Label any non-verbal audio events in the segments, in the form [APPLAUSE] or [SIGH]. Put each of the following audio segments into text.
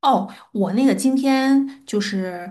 哦，我那个今天就是，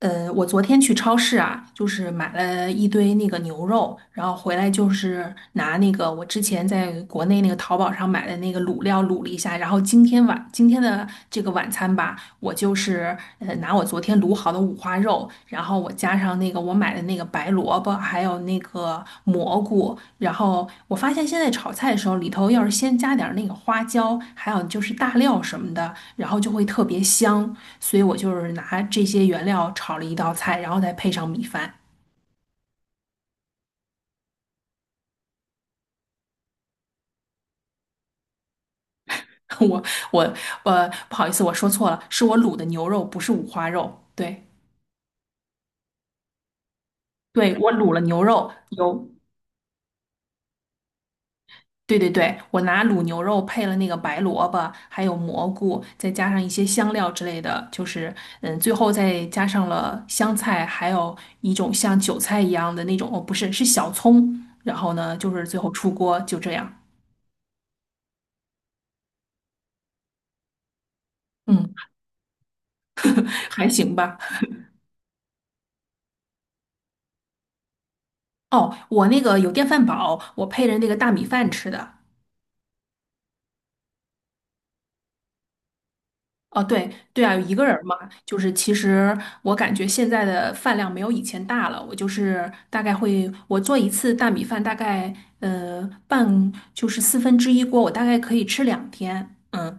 我昨天去超市啊，就是买了一堆那个牛肉，然后回来就是拿那个我之前在国内那个淘宝上买的那个卤料卤了一下，然后今天的这个晚餐吧，我就是拿我昨天卤好的五花肉，然后我加上那个我买的那个白萝卜，还有那个蘑菇，然后我发现现在炒菜的时候里头要是先加点儿那个花椒，还有就是大料什么的，然后就会特别香，所以我就是拿这些原料炒了一道菜，然后再配上米饭。[LAUGHS] 我我不好意思，我说错了，是我卤的牛肉，不是五花肉。对对，我卤了牛肉，有对对对，我拿卤牛肉配了那个白萝卜，还有蘑菇，再加上一些香料之类的，就是嗯，最后再加上了香菜，还有一种像韭菜一样的那种，哦，不是，是小葱。然后呢，就是最后出锅就这样，嗯，[LAUGHS] 还行吧。哦，我那个有电饭煲，我配着那个大米饭吃的。哦，对对啊，有一个人儿嘛，就是其实我感觉现在的饭量没有以前大了。我就是大概会，我做一次大米饭，大概就是四分之一锅，我大概可以吃2天。嗯，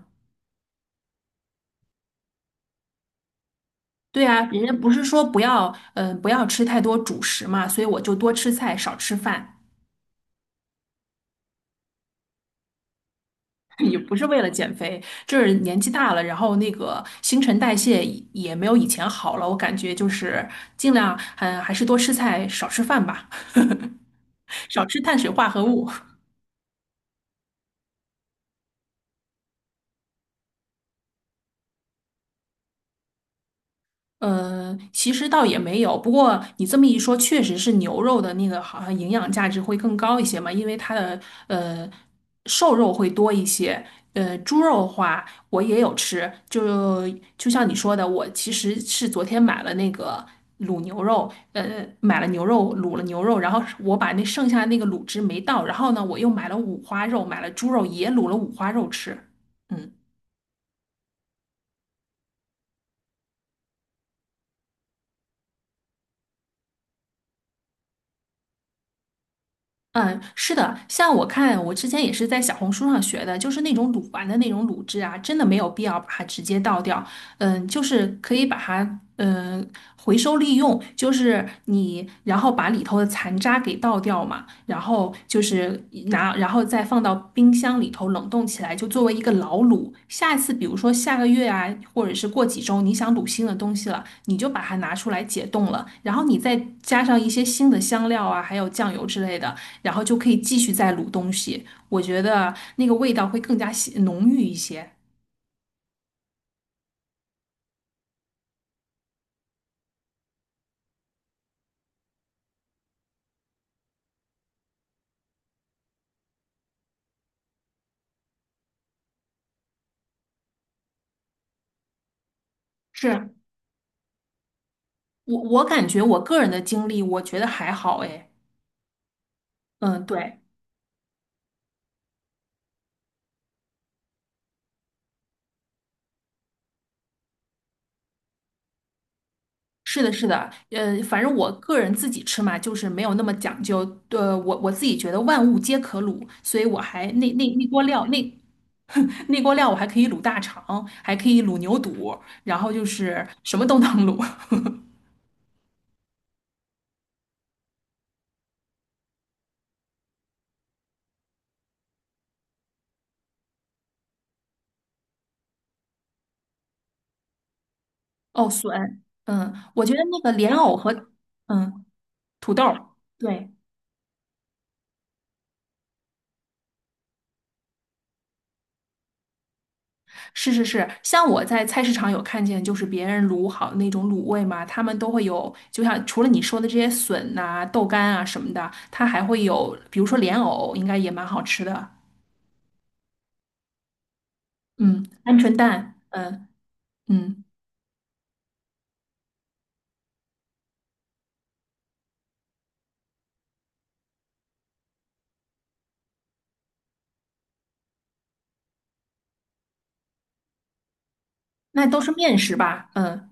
对啊，人家不是说不要不要吃太多主食嘛，所以我就多吃菜少吃饭，[LAUGHS] 也不是为了减肥，就是年纪大了，然后那个新陈代谢也没有以前好了。我感觉就是尽量还是多吃菜少吃饭吧。少吃碳水化合物。其实倒也没有，不过你这么一说，确实是牛肉的那个好像营养价值会更高一些嘛，因为它的呃瘦肉会多一些。猪肉的话我也有吃，就像你说的，我其实是昨天买了那个卤牛肉，买了牛肉卤了牛肉，然后我把那剩下那个卤汁没倒，然后呢，我又买了五花肉，买了猪肉也卤了五花肉吃，嗯。嗯，是的，像我看，我之前也是在小红书上学的，就是那种卤完的那种卤汁啊，真的没有必要把它直接倒掉，嗯，就是可以把它回收利用，就是你然后把里头的残渣给倒掉嘛，然后就是拿，然后再放到冰箱里头冷冻起来，就作为一个老卤。下次比如说下个月啊，或者是过几周，你想卤新的东西了，你就把它拿出来解冻了，然后你再加上一些新的香料啊，还有酱油之类的，然后就可以继续再卤东西。我觉得那个味道会更加鲜浓郁一些。是。我感觉我个人的经历，我觉得还好诶。嗯，对，是的，是的，反正我个人自己吃嘛，就是没有那么讲究。我自己觉得万物皆可卤，所以我还那锅料[LAUGHS] 那锅料我还可以卤大肠，还可以卤牛肚，然后就是什么都能卤。[LAUGHS] 哦，笋，嗯，我觉得那个莲藕和嗯土豆儿，对。是是是，像我在菜市场有看见，就是别人卤好的那种卤味嘛，他们都会有，就像除了你说的这些笋呐、豆干啊什么的，它还会有，比如说莲藕，应该也蛮好吃的。嗯，鹌鹑蛋，嗯嗯，那都是面食吧？嗯，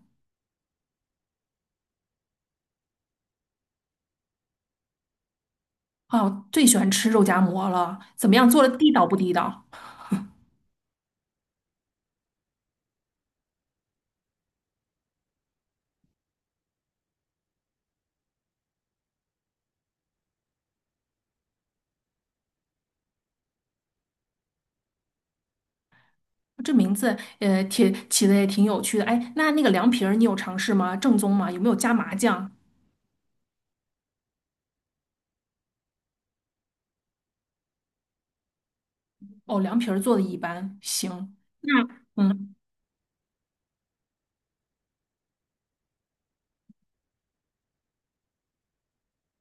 哦，我最喜欢吃肉夹馍了，怎么样做的地道不地道？这名字，挺起的也挺有趣的。哎，那那个凉皮儿你有尝试吗？正宗吗？有没有加麻酱？哦，凉皮儿做的一般，行。那嗯。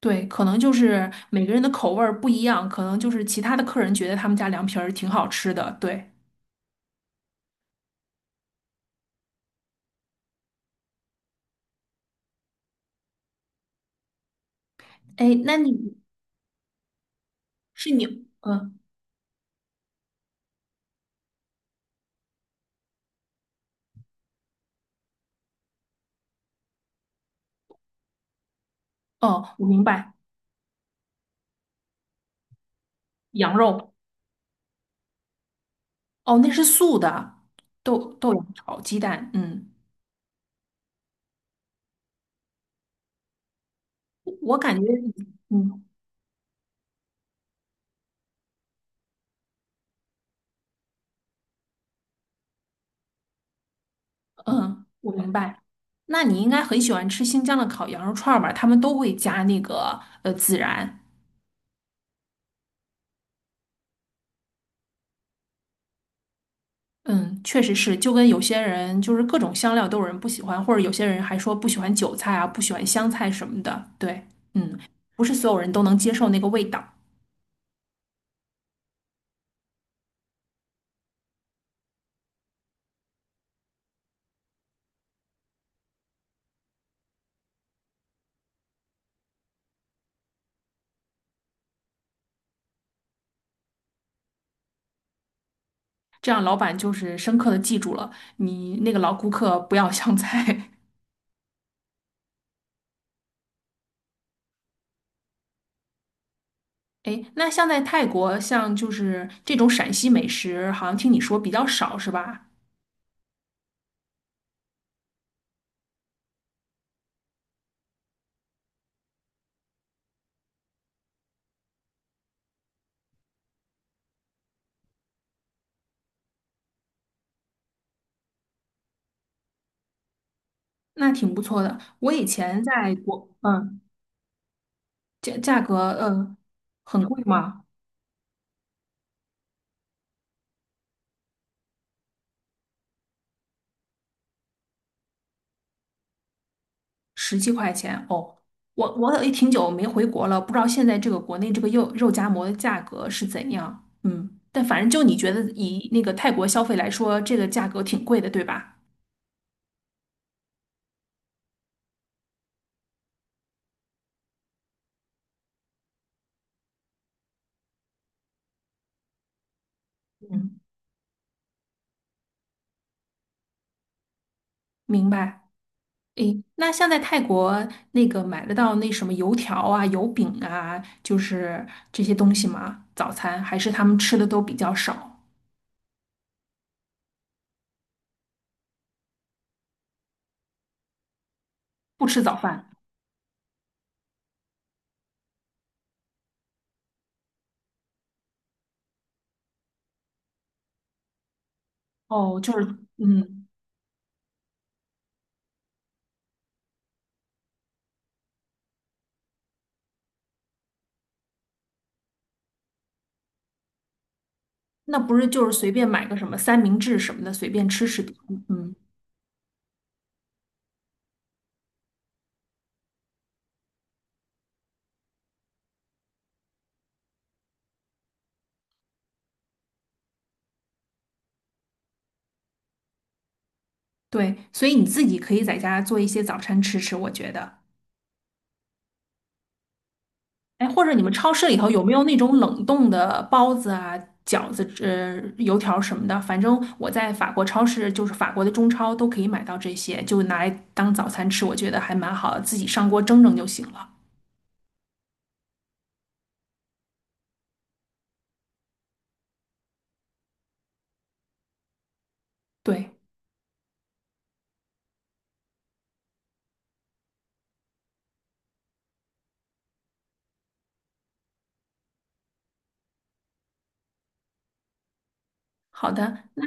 对，可能就是每个人的口味儿不一样，可能就是其他的客人觉得他们家凉皮儿挺好吃的。对，哎，那你是你，嗯，哦，我明白，羊肉，哦，那是素的，豆芽炒鸡蛋，嗯，我感觉，嗯嗯，我明白。那你应该很喜欢吃新疆的烤羊肉串儿吧？他们都会加那个孜然。嗯，确实是，就跟有些人就是各种香料都有人不喜欢，或者有些人还说不喜欢韭菜啊，不喜欢香菜什么的。对，嗯，不是所有人都能接受那个味道。这样老板就是深刻的记住了你那个老顾客不要香菜。[LAUGHS] 哎，那像在泰国，像就是这种陕西美食，好像听你说比较少是吧？那挺不错的。我以前在国，嗯，价格，嗯，很贵吗？17块钱哦，我也挺久没回国了，不知道现在这个国内这个肉夹馍的价格是怎样。嗯，但反正就你觉得以那个泰国消费来说，这个价格挺贵的，对吧？嗯，明白。诶，那像在泰国那个买得到那什么油条啊、油饼啊，就是这些东西吗？早餐还是他们吃的都比较少，不吃早饭。哦，就是嗯，那不是就是随便买个什么三明治什么的，随便吃吃的。嗯。对，所以你自己可以在家做一些早餐吃吃，我觉得。哎，或者你们超市里头有没有那种冷冻的包子啊、饺子、油条什么的？反正我在法国超市，就是法国的中超都可以买到这些，就拿来当早餐吃，我觉得还蛮好的，自己上锅蒸蒸就行了。对，好的，那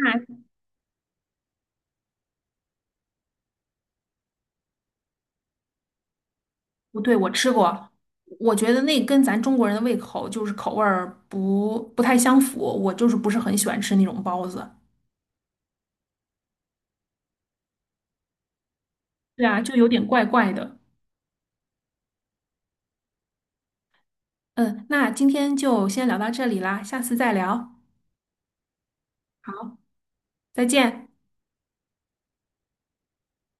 不对，我吃过，我觉得那跟咱中国人的胃口就是口味儿不太相符，我就是不是很喜欢吃那种包子。对啊，就有点怪怪的。嗯，那今天就先聊到这里啦，下次再聊。好，再见。